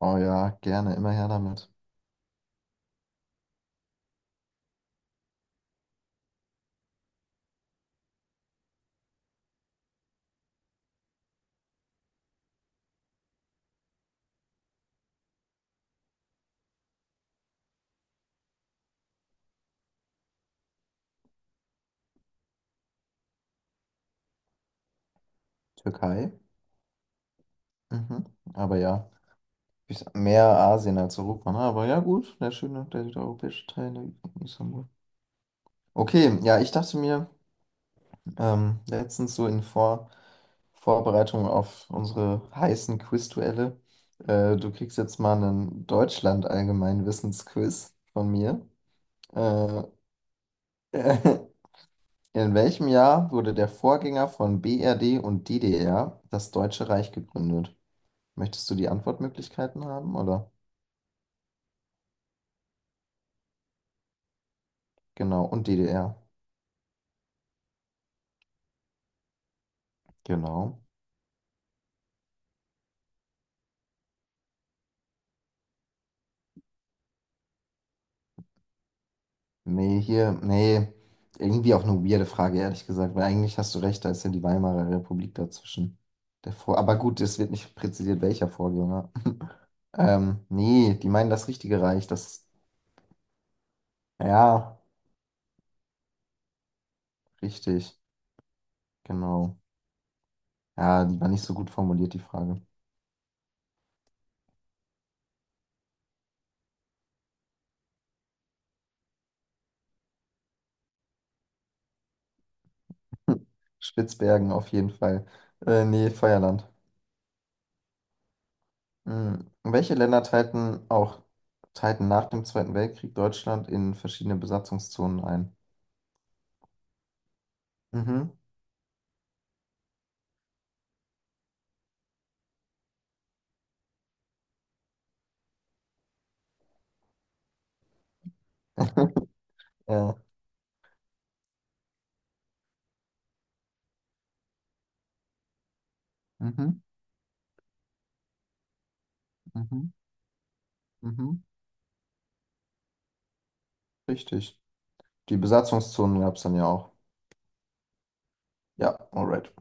Oh ja, gerne, immer her damit. Türkei. Mhm. Aber ja, ist mehr Asien als Europa, ne? Aber ja, gut, der schöne, der südeuropäische Teil, der Istanbul. Okay, ja, ich dachte mir, letztens so in Vorbereitung auf unsere heißen Quizduelle, du kriegst jetzt mal einen Deutschland-Allgemeinwissensquiz von mir. Äh, in welchem Jahr wurde der Vorgänger von BRD und DDR, das Deutsche Reich, gegründet? Möchtest du die Antwortmöglichkeiten haben, oder? Genau, und DDR. Genau. Nee, hier, nee, irgendwie auch eine weirde Frage, ehrlich gesagt, weil eigentlich hast du recht, da ist ja die Weimarer Republik dazwischen. Der Vor Aber gut, es wird nicht präzisiert, welcher Vorgänger. Nee, die meinen das richtige Reich, das, ja, richtig, genau. Ja, die war nicht so gut formuliert, die Frage. Spitzbergen auf jeden Fall. Nee, Feuerland. Mhm. Welche Länder teilten nach dem Zweiten Weltkrieg Deutschland in verschiedene Besatzungszonen ein? Mhm. Ja. Mhm. Mhm. Mhm. Richtig. Die Besatzungszonen gab es dann ja auch. Ja, alright.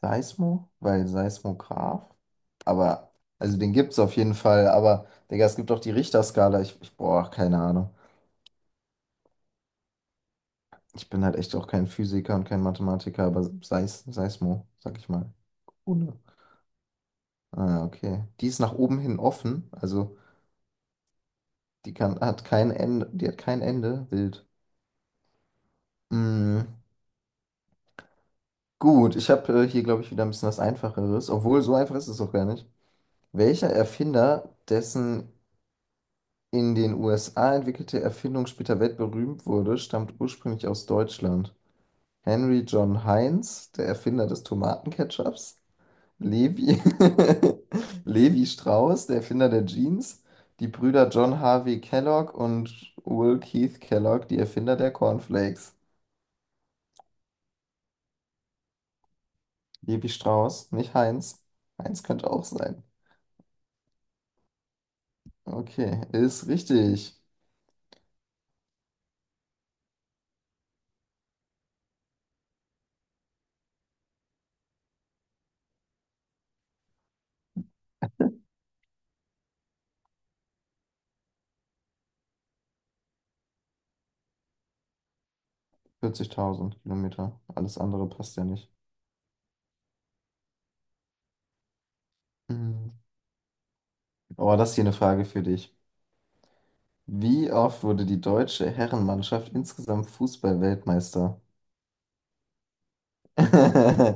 Seismo, weil Seismograph. Aber, also den gibt es auf jeden Fall, aber, Digga, es gibt auch die Richterskala. Ich boah, keine Ahnung. Ich bin halt echt auch kein Physiker und kein Mathematiker, aber Seismo, sag ich mal. Ohne. Ah, okay. Die ist nach oben hin offen, also die kann, hat kein Ende, die hat kein Ende. Wild. Mm, gut, ich habe hier, glaube ich, wieder ein bisschen was Einfacheres, obwohl so einfach ist es auch gar nicht. Welcher Erfinder, dessen in den USA entwickelte Erfindung später weltberühmt wurde, stammt ursprünglich aus Deutschland? Henry John Heinz, der Erfinder des Tomatenketchups? Levi, Levi Strauss, der Erfinder der Jeans? Die Brüder John Harvey Kellogg und Will Keith Kellogg, die Erfinder der Cornflakes. Levi Strauss, nicht Heinz. Heinz könnte auch sein. Okay, ist richtig. 40.000 Kilometer. Alles andere passt ja nicht. Mhm. Oh, das ist hier eine Frage für dich. Wie oft wurde die deutsche Herrenmannschaft insgesamt Fußball-Weltmeister?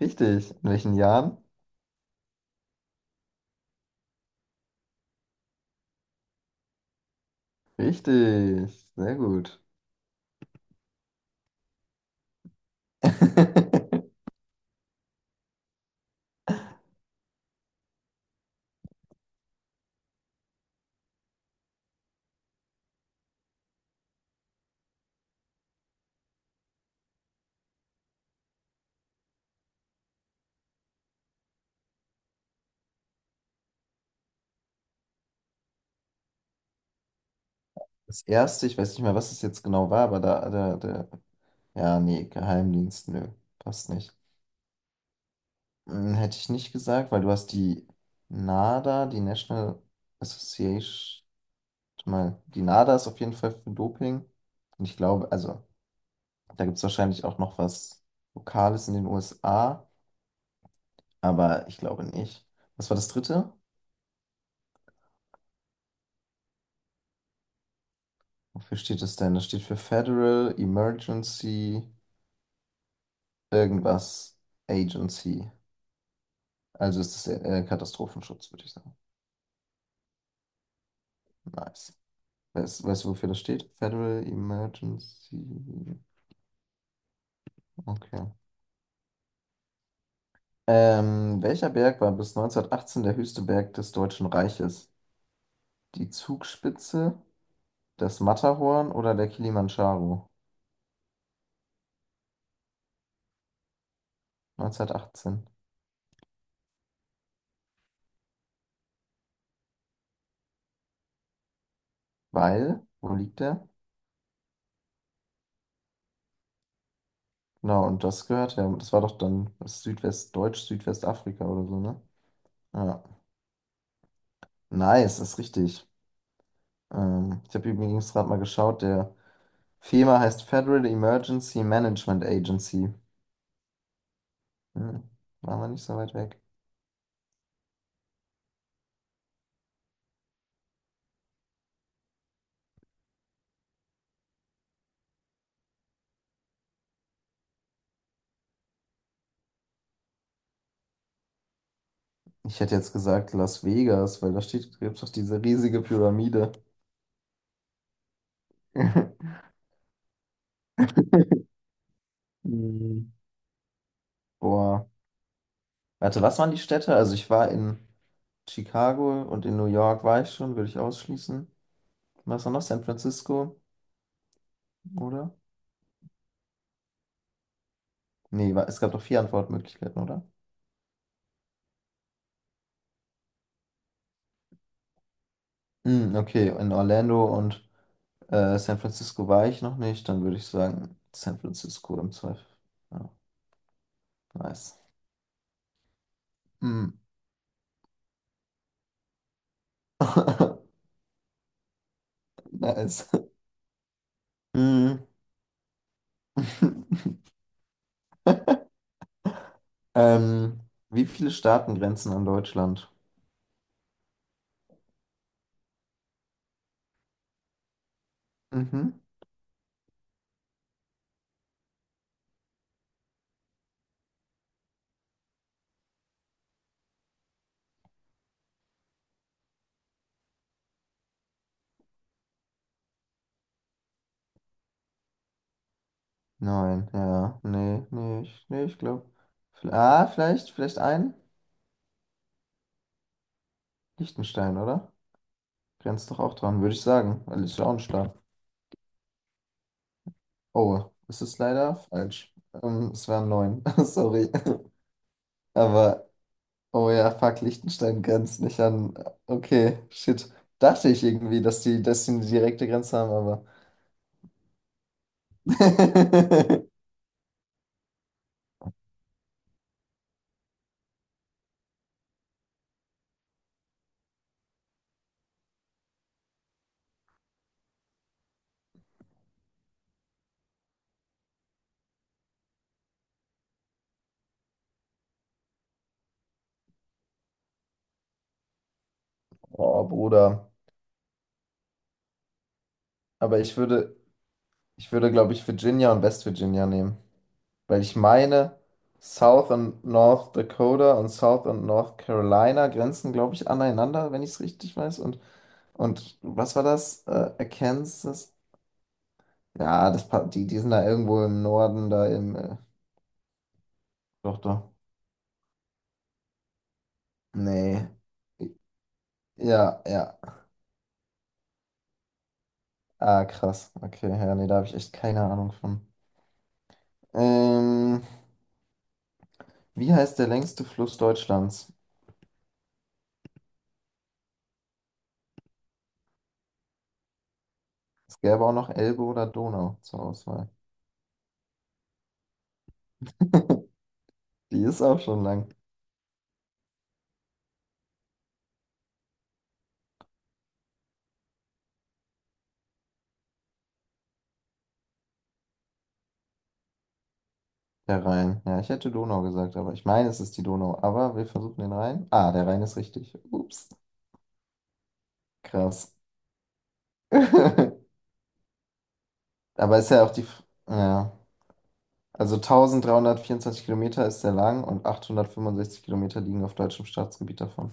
Richtig. In welchen Jahren? Richtig. Sehr gut. Das erste, ich weiß nicht mehr, was es jetzt genau war, aber ja, nee, Geheimdienst, nö, passt nicht. Hm, hätte ich nicht gesagt, weil du hast die NADA, die National Association, warte mal, die NADA ist auf jeden Fall für Doping. Und ich glaube, also, da gibt es wahrscheinlich auch noch was Lokales in den USA, aber ich glaube nicht. Was war das dritte? Wofür steht das denn? Das steht für Federal Emergency irgendwas Agency. Also ist das Katastrophenschutz, würde ich sagen. Nice. Weißt du, wofür das steht? Federal Emergency. Okay. Welcher Berg war bis 1918 der höchste Berg des Deutschen Reiches? Die Zugspitze, das Matterhorn oder der Kilimandscharo? 1918. Weil, wo liegt der? Genau, und das gehört ja, das war doch dann das Südwestdeutsch, Südwestafrika oder so, ne? Ja. Nice, ist richtig. Ich habe übrigens gerade mal geschaut, der FEMA heißt Federal Emergency Management Agency. Hm, waren wir nicht so weit weg. Ich hätte jetzt gesagt Las Vegas, weil da steht, gibt's doch diese riesige Pyramide. Hm, boah. Warte, was waren die Städte? Also ich war in Chicago und in New York war ich schon, würde ich ausschließen. Was war noch? San Francisco, oder? Nee, war, es gab doch vier Antwortmöglichkeiten, oder? Hm, okay, in Orlando und San Francisco war ich noch nicht. Dann würde ich sagen San Francisco im Zweifel. Ja, nice. Hm. Nice. Hm. Ähm, wie viele Staaten grenzen an Deutschland? Mhm. Neun, ja. Nee, ich glaube. Ah, vielleicht ein? Liechtenstein, oder? Grenzt doch auch dran, würde ich sagen. Weil ist ja auch ein Staat. Oh, es ist leider falsch. Es wären neun. Sorry. Aber, oh ja, fuck, Liechtenstein grenzt nicht an. Okay, shit. Dachte ich irgendwie, dass die eine direkte Grenze haben, aber. Oh, Bruder. Aber ich würde, Ich würde, glaube ich, Virginia und West Virginia nehmen, weil ich meine, South und North Dakota und South und North Carolina grenzen, glaube ich, aneinander, wenn ich es richtig weiß. Und was war das? Arkansas? Ja, das, die sind da irgendwo im Norden, da im. Doch, doch. Nee. Ja, ja. Ah, krass. Okay, ja, nee, da habe ich echt keine Ahnung von. Ähm, wie heißt der längste Fluss Deutschlands? Es gäbe auch noch Elbe oder Donau zur Auswahl. Die ist auch schon lang. Der Rhein. Ja, ich hätte Donau gesagt, aber ich meine, es ist die Donau. Aber wir versuchen den Rhein. Ah, der Rhein ist richtig. Ups. Krass. Aber ist ja auch die. F- Ja. Also 1324 Kilometer ist sehr lang und 865 Kilometer liegen auf deutschem Staatsgebiet davon.